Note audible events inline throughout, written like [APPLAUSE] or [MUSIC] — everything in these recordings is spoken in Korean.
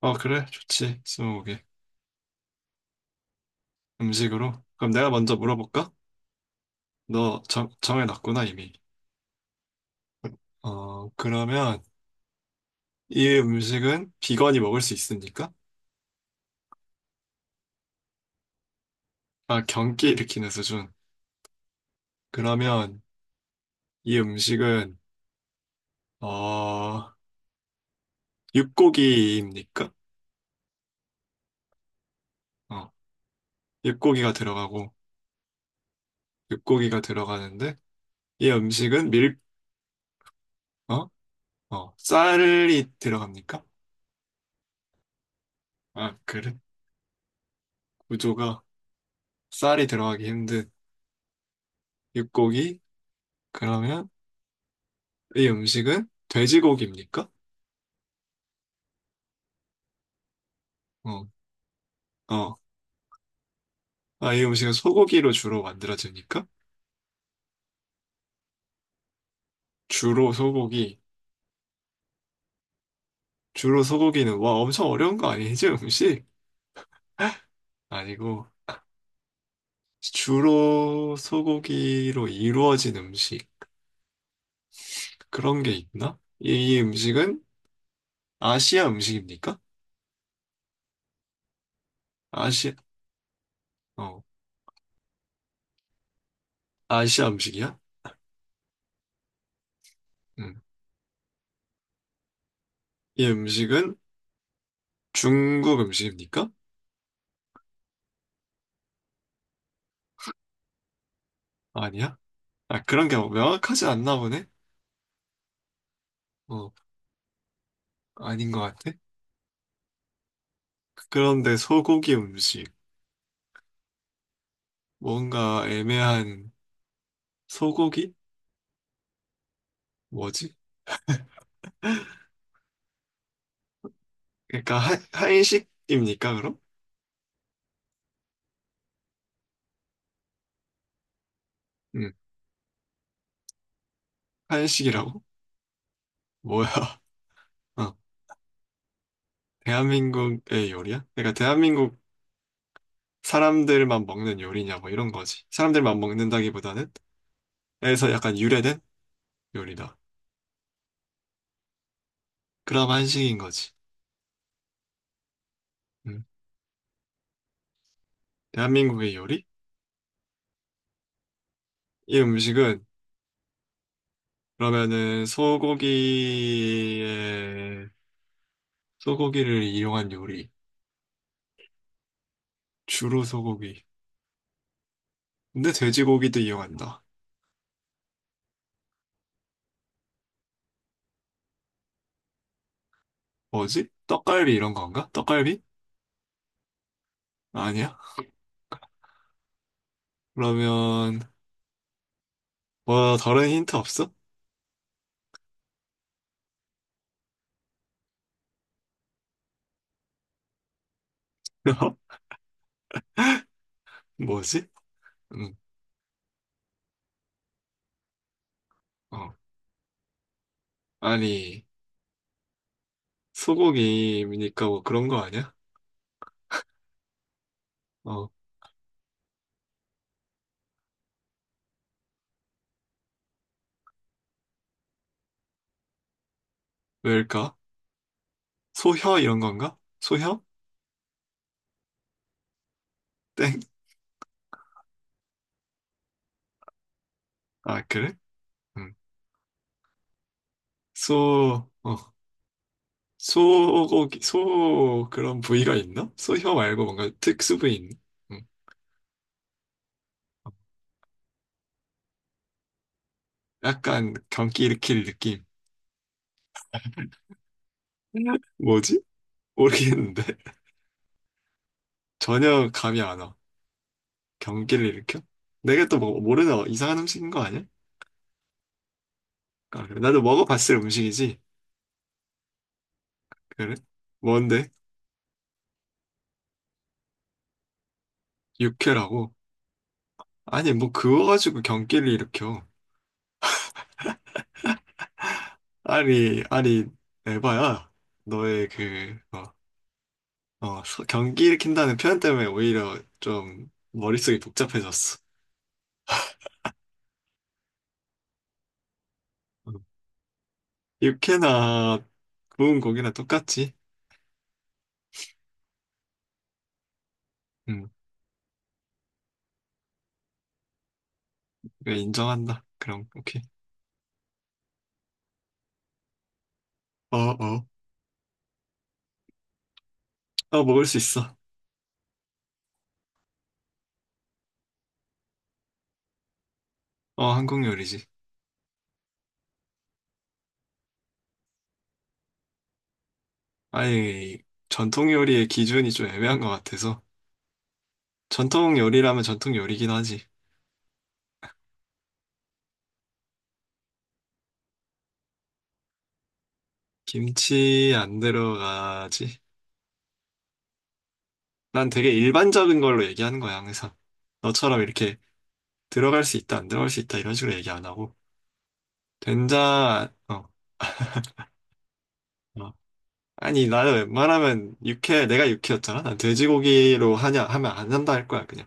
어, 그래. 좋지. 스무고개. 음식으로. 그럼 내가 먼저 물어볼까? 너 정해놨구나, 이미. 어, 그러면 이 음식은 비건이 먹을 수 있습니까? 아, 경기 일으키는 수준. 그러면 이 음식은, 어, 육고기입니까? 어, 육고기가 들어가고, 육고기가 들어가는데, 이 음식은 밀, 어? 어, 쌀이 들어갑니까? 아, 그래. 구조가 쌀이 들어가기 힘든 육고기? 그러면 이 음식은 돼지고기입니까? 어, 어. 아, 이 음식은 소고기로 주로 만들어집니까? 주로 소고기. 주로 소고기는, 와, 엄청 어려운 거 아니지, 음식? 아니고, 주로 소고기로 이루어진 음식. 그런 게 있나? 이 음식은 아시아 음식입니까? 아시아, 어, 아시아 음식이야? 음. 이 음식은 중국 음식입니까? 아니야? 아, 그런 게 명확하지 않나 보네? 어, 아닌 것 같아? 그런데 소고기 음식. 뭔가 애매한 소고기? 뭐지? 그러니까 한식입니까, 그럼? 응, 한식이라고? 뭐야? [LAUGHS] 어, 대한민국의 요리야? 그러니까 대한민국 사람들만 먹는 요리냐, 뭐 이런 거지. 사람들만 먹는다기보다는 에서 약간 유래된 요리다. 그럼 한식인 거지. 응. 대한민국의 요리? 이 음식은 그러면은 소고기에 소고기를 이용한 요리. 주로 소고기. 근데 돼지고기도 이용한다. 뭐지? 떡갈비 이런 건가? 떡갈비? 아니야? 그러면 뭐 다른 힌트 없어? [LAUGHS] 뭐지? 음, 어. 아니 소고기니까 뭐 그런 거 아니야? 어, 왜일까? 소혀 이런 건가? 소혀? 땡. 아, 그래? 음. 소, 어. 소고기, 소 그런 부위가 있나? 소혀 말고 뭔가 특수 부위 있나? 음. 약간 경기 일으킬 느낌. [LAUGHS] 뭐지? 모르겠는데. [LAUGHS] 전혀 감이 안 와. 경기를 일으켜? 내가 또 뭐, 모르는 이상한 음식인 거 아니야? 아, 그래. 나도 먹어봤을 음식이지. 그래? 뭔데? 육회라고? 아니, 뭐 그거 가지고 경기를 일으켜. 아니, 아니, 에바야. 너의 그, 어, 경기 일으킨다는 표현 때문에 오히려 좀 머릿속이 복잡해졌어. 음. 육회나 구운 고기나 똑같지? 응, 그래, 인정한다. 그럼, 오케이. 어, 어. 어, 먹을 수 있어. 어, 한국 요리지. 아니, 전통 요리의 기준이 좀 애매한 것 같아서. 전통 요리라면 전통 요리긴 하지. 김치 안 들어가지. 난 되게 일반적인 걸로 얘기하는 거야, 항상. 너처럼 이렇게 들어갈 수 있다, 안 들어갈 수 있다, 이런 식으로 얘기 안 하고. 된장, 어, 어. 아니, 나는 웬만하면 육회, 내가 육회였잖아? 난 돼지고기로 하냐, 하면 안 한다 할 거야, 그냥.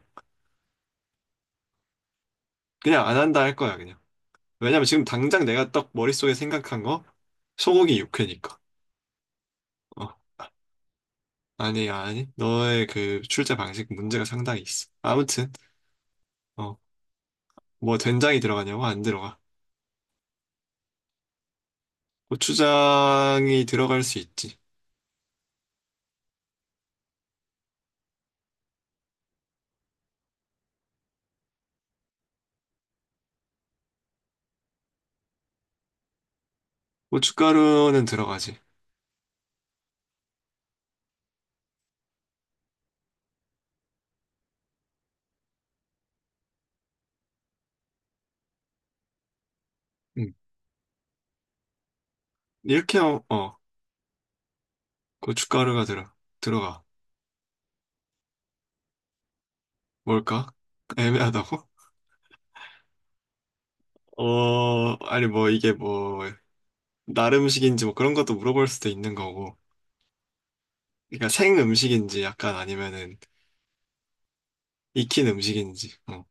그냥 안 한다 할 거야, 그냥. 왜냐면 지금 당장 내가 딱 머릿속에 생각한 거, 소고기 육회니까. 어. 아니, 아니. 너의 그 출제 방식 문제가 상당히 있어. 아무튼, 어, 뭐 된장이 들어가냐고? 안 들어가. 고추장이 들어갈 수 있지. 고춧가루는 들어가지. 응. 이렇게, 어, 어, 고춧가루가 들어가. 뭘까? 애매하다고? [LAUGHS] 어, 아니, 뭐, 이게 뭐, 날 음식인지 뭐 그런 것도 물어볼 수도 있는 거고. 그러니까 생 음식인지 약간 아니면은 익힌 음식인지. 어,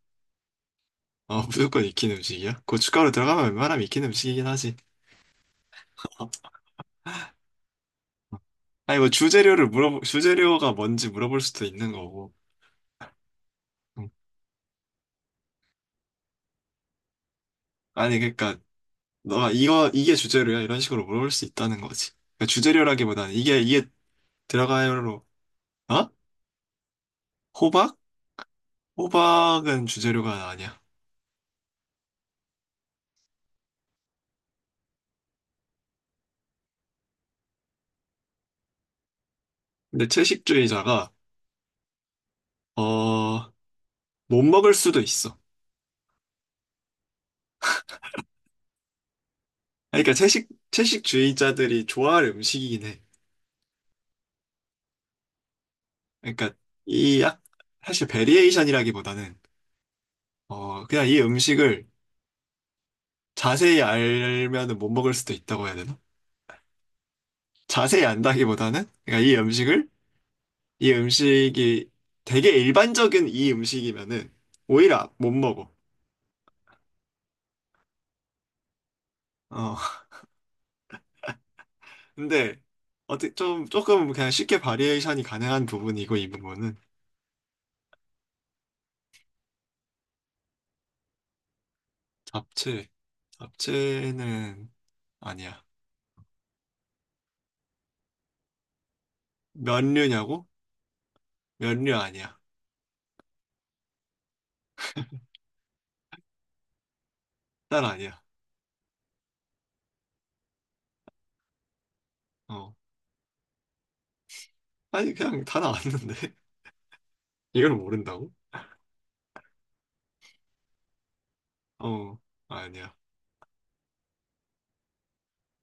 어, 무조건 익힌 음식이야? 고춧가루 들어가면 웬만하면 익힌 음식이긴 하지. 어. 아니 뭐 주재료를 물어 주재료가 뭔지 물어볼 수도 있는 거고. 응. 아니 그러니까 너가 이거 이게 주재료야 이런 식으로 물어볼 수 있다는 거지. 그러니까 주재료라기보다는 이게 들어가요로 어? 호박? 호박은 주재료가 아니야. 근데 채식주의자가 어 못 먹을 수도 있어. 아니, 그러니까 채식주의자들이 좋아할 음식이긴 해. 그러니까 이 약- 사실 베리에이션이라기보다는 어 그냥 이 음식을 자세히 알면은 못 먹을 수도 있다고 해야 되나? 자세히 안다기보다는 그러니까 이 음식이 되게 일반적인 이 음식이면은 오히려 못 먹어. 어. [LAUGHS] 근데 어떻게 좀 조금 그냥 쉽게 바리에이션이 가능한 부분이고 이 부분은 잡채. 잡채는 아니야. 면류냐고? 면류 아니야. 딸 아니야. 어. 아니 그냥 다 나왔는데. [LAUGHS] 이걸 모른다고? 어. 아니야.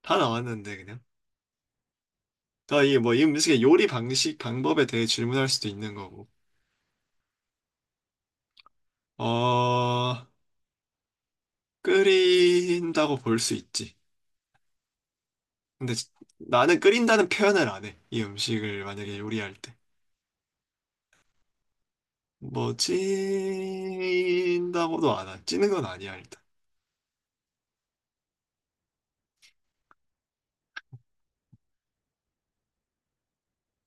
다 나왔는데 그냥. 아, 이게 뭐 이 음식의 요리 방식 방법에 대해 질문할 수도 있는 거고. 어, 끓인다고 볼 수 있지. 근데 지- 나는 끓인다는 표현을 안 해. 이 음식을 만약에 요리할 때. 뭐, 찐다고도 안 해. 찌는 건 아니야, 일단.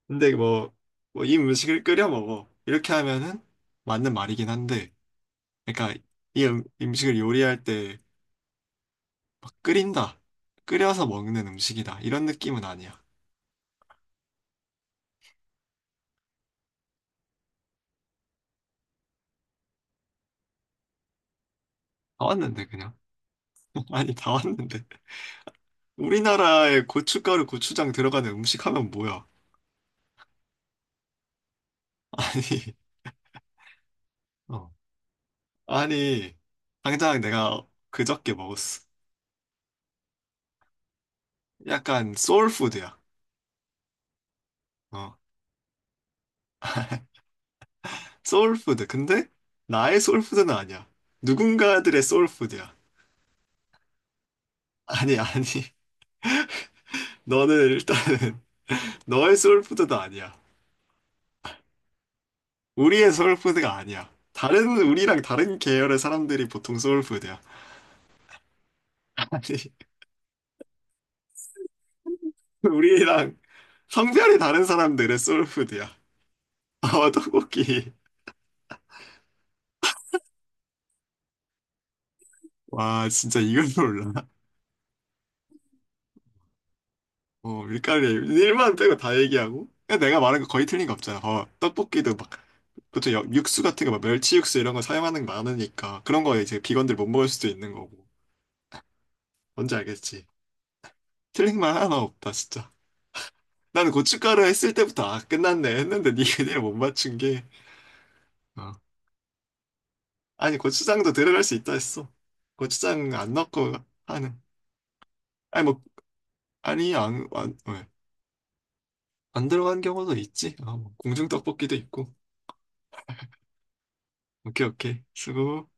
근데 뭐, 이 음식을 끓여 먹어. 이렇게 하면은 맞는 말이긴 한데, 그러니까 이 음식을 요리할 때 막 끓인다. 끓여서 먹는 음식이다. 이런 느낌은 아니야. 다 왔는데, 그냥. [LAUGHS] 아니, 다 왔는데. 우리나라에 고춧가루, 고추장 들어가는 음식 하면 뭐야? 아니, 어. 아니, 당장 내가 그저께 먹었어. 약간 소울푸드야. 어, 소울푸드. 근데 나의 소울푸드는 아니야. 누군가들의 소울푸드야. 아니, 아니. 너는 일단은 [LAUGHS] 너의 소울푸드도 아니야. 우리의 소울푸드가 아니야. 다른, 우리랑 다른 계열의 사람들이 보통 소울푸드야. 아니, [LAUGHS] 우리랑 성별이 다른 사람들의 소울푸드야. 아, 떡볶이. 와, 진짜 이걸 몰라. 어, 일만 빼고 다 얘기하고. 그 내가 말한 거 거의 틀린 거 없잖아. 어, 떡볶이도 막, 육수 같은 거, 막 멸치 육수 이런 거 사용하는 게 많으니까. 그런 거 이제 비건들 못 먹을 수도 있는 거고. 뭔지 알겠지? 틀린 말 하나 없다, 진짜. 나는 고춧가루 했을 때부터, 아, 끝났네. 했는데 니 그대로 못 맞춘 게. 어. 아니, 고추장도 들어갈 수 있다 했어. 고추장 안 넣고 하는. 아니, 뭐, 아니, 안, 안, 왜? 안 들어간 경우도 있지. 아, 뭐, 공중떡볶이도 있고. 오케이, 오케이. 수고.